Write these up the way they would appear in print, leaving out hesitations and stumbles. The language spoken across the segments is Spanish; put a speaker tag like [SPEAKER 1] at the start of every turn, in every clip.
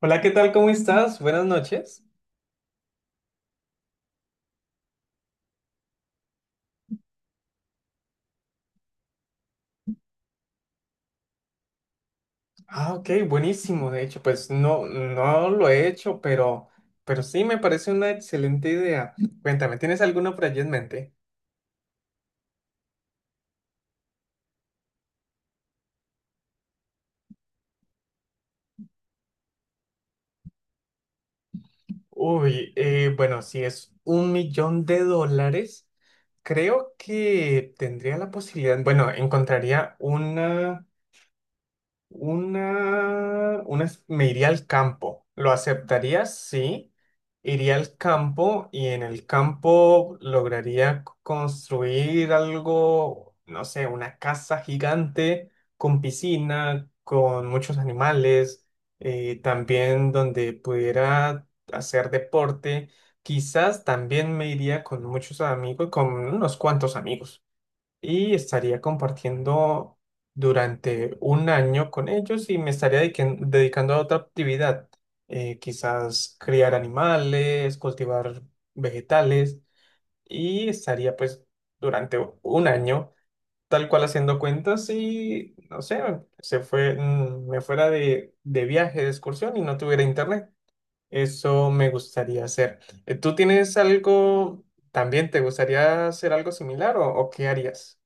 [SPEAKER 1] Hola, ¿qué tal? ¿Cómo estás? Buenas noches. Ah, ok, buenísimo. De hecho, pues no, no lo he hecho, pero sí me parece una excelente idea. Cuéntame, ¿tienes alguno por allí en mente? Uy, bueno, si es un millón de dólares, creo que tendría la posibilidad, bueno, encontraría una me iría al campo. ¿Lo aceptarías? Sí. Iría al campo y en el campo lograría construir algo, no sé, una casa gigante con piscina, con muchos animales, también donde pudiera hacer deporte. Quizás también me iría con muchos amigos, con unos cuantos amigos y estaría compartiendo durante un año con ellos y me estaría dedicando a otra actividad, quizás criar animales, cultivar vegetales y estaría pues durante un año tal cual haciendo cuentas y no sé, se fue, me fuera de viaje, de excursión y no tuviera internet. Eso me gustaría hacer. ¿Tú tienes algo, también te gustaría hacer algo similar o qué harías?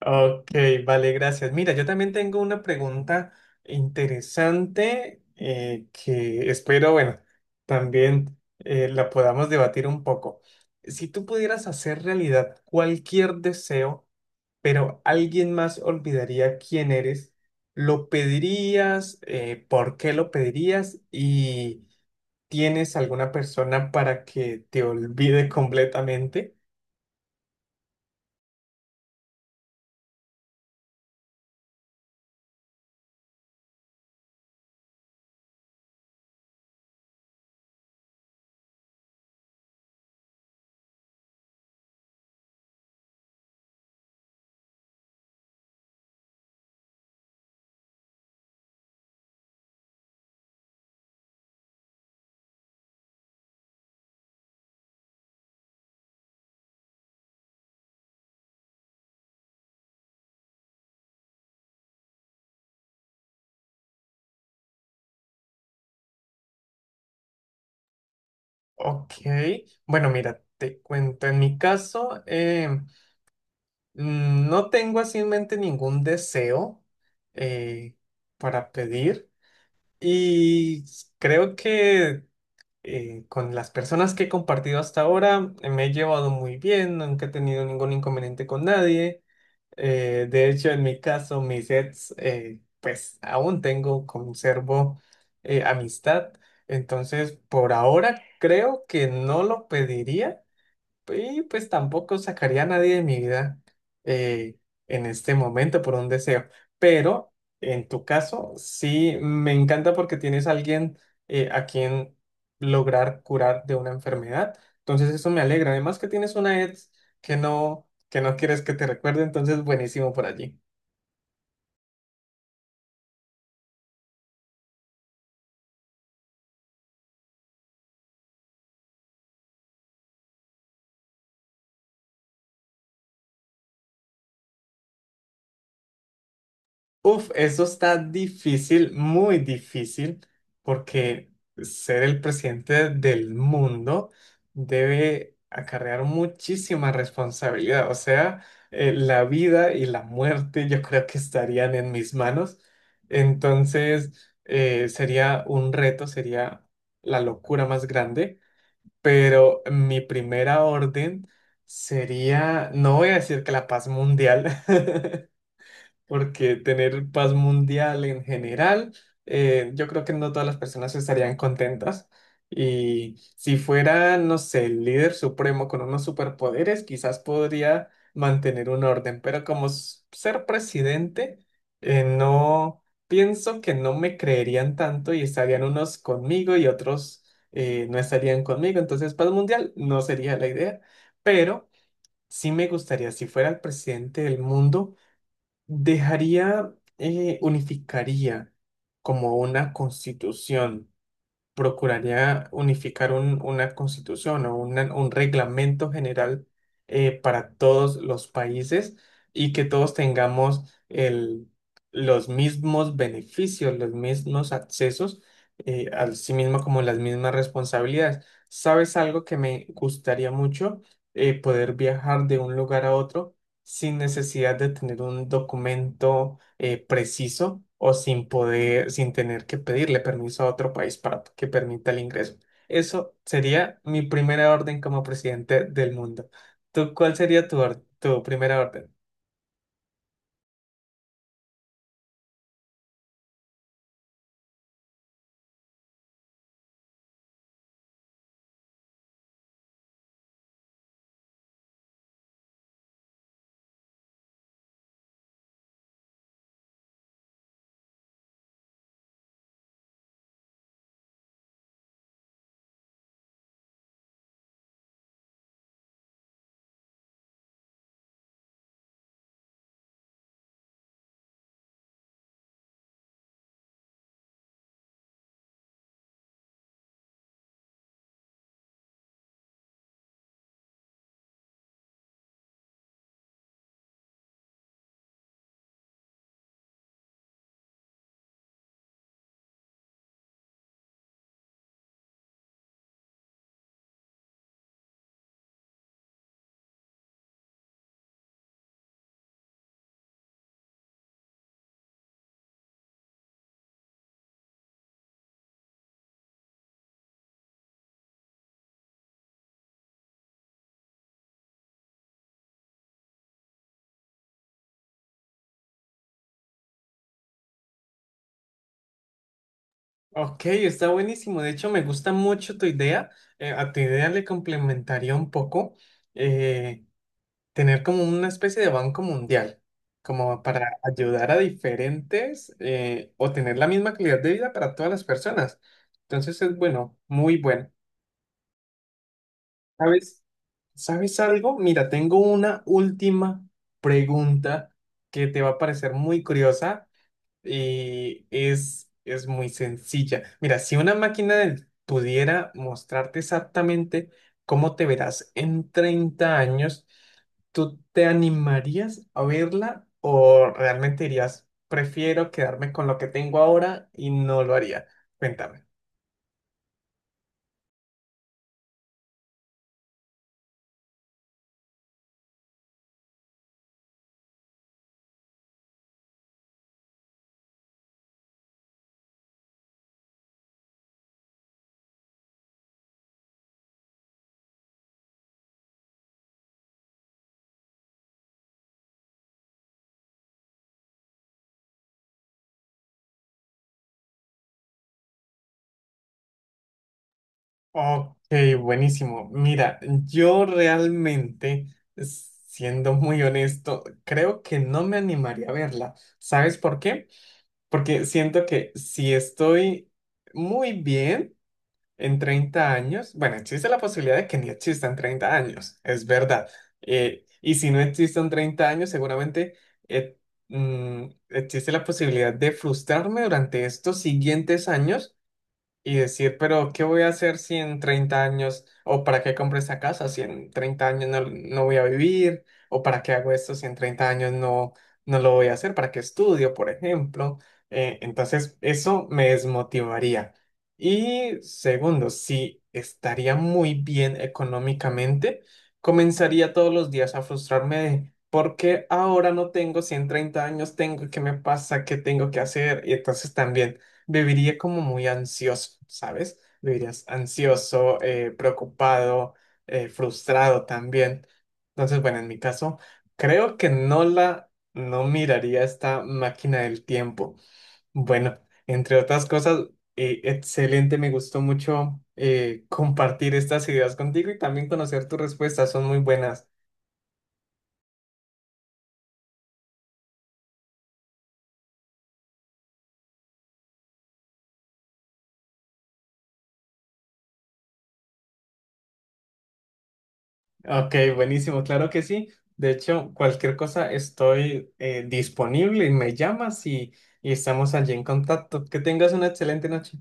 [SPEAKER 1] Ok, vale, gracias. Mira, yo también tengo una pregunta interesante que espero, bueno, también la podamos debatir un poco. Si tú pudieras hacer realidad cualquier deseo, pero alguien más olvidaría quién eres, ¿lo pedirías? Por qué lo pedirías? ¿Y tienes alguna persona para que te olvide completamente? Ok, bueno, mira, te cuento, en mi caso, no tengo así en mente ningún deseo, eh, para pedir y creo que con las personas que he compartido hasta ahora me he llevado muy bien, nunca he tenido ningún inconveniente con nadie. De hecho, en mi caso, mis ex, pues aún tengo, conservo amistad, entonces por ahora creo que no lo pediría. Y pues tampoco sacaría a nadie de mi vida, eh, en este momento por un deseo. Pero en tu caso, sí me encanta porque tienes a alguien, a quien lograr curar de una enfermedad. Entonces eso me alegra. Además que tienes una ex que no quieres que te recuerde. Entonces buenísimo por allí. Uf, eso está difícil, muy difícil, porque ser el presidente del mundo debe acarrear muchísima responsabilidad. O sea, la vida y la muerte yo creo que estarían en mis manos. Entonces, sería un reto, sería la locura más grande, pero mi primera orden sería, no voy a decir que la paz mundial. Porque tener paz mundial en general, yo creo que no todas las personas estarían contentas. Y si fuera, no sé, el líder supremo con unos superpoderes, quizás podría mantener un orden, pero como ser presidente, no pienso que no me creerían tanto y estarían unos conmigo y otros, no estarían conmigo. Entonces, paz mundial no sería la idea, pero sí me gustaría, si fuera el presidente del mundo, dejaría, unificaría como una constitución, procuraría unificar una constitución o un reglamento general, para todos los países y que todos tengamos el- los mismos beneficios, los mismos accesos, así mismo como las mismas responsabilidades. ¿Sabes algo que me gustaría mucho? Poder viajar de un lugar a otro sin necesidad de tener un documento, preciso o sin poder, sin tener que pedirle permiso a otro país para que permita el ingreso. Eso sería mi primera orden como presidente del mundo. ¿Tú cuál sería tu, tu primera orden? Ok, está buenísimo. De hecho, me gusta mucho tu idea. A tu idea le complementaría un poco, eh, tener como una especie de banco mundial, como para ayudar a diferentes, o tener la misma calidad de vida para todas las personas. Entonces es bueno, muy bueno. ¿Sabes? ¿Sabes algo? Mira, tengo una última pregunta que te va a parecer muy curiosa y es muy sencilla. Mira, si una pudiera mostrarte exactamente cómo te verás en 30 años, ¿tú te animarías a verla o realmente dirías, prefiero quedarme con lo que tengo ahora y no lo haría? Cuéntame. Ok, buenísimo. Mira, yo realmente, siendo muy honesto, creo que no me animaría a verla. ¿Sabes por qué? Porque siento que si estoy muy bien en 30 años, bueno, existe la posibilidad de que ni existan 30 años, es verdad. Y si no existen 30 años, seguramente eh, mm, existe la posibilidad de frustrarme durante estos siguientes años y decir, pero ¿qué voy a hacer si en 30 años, o para qué compré esta casa si en 30 años no, no voy a vivir, o para qué hago esto si en 30 años no, no lo voy a hacer, para qué estudio, por ejemplo? Entonces, eso me desmotivaría. Y segundo, si estaría muy bien económicamente, comenzaría todos los días a frustrarme de ¿por qué ahora no tengo si en 30 años tengo? ¿Qué me pasa? ¿Qué tengo que hacer? Y entonces también viviría como muy ansioso, ¿sabes? Vivirías ansioso, preocupado, frustrado también. Entonces, bueno, en mi caso, creo que no la, no miraría esta máquina del tiempo. Bueno, entre otras cosas, excelente, me gustó mucho compartir estas ideas contigo y también conocer tus respuestas, son muy buenas. Ok, buenísimo, claro que sí. De hecho, cualquier cosa estoy disponible y me llamas y estamos allí en contacto. Que tengas una excelente noche.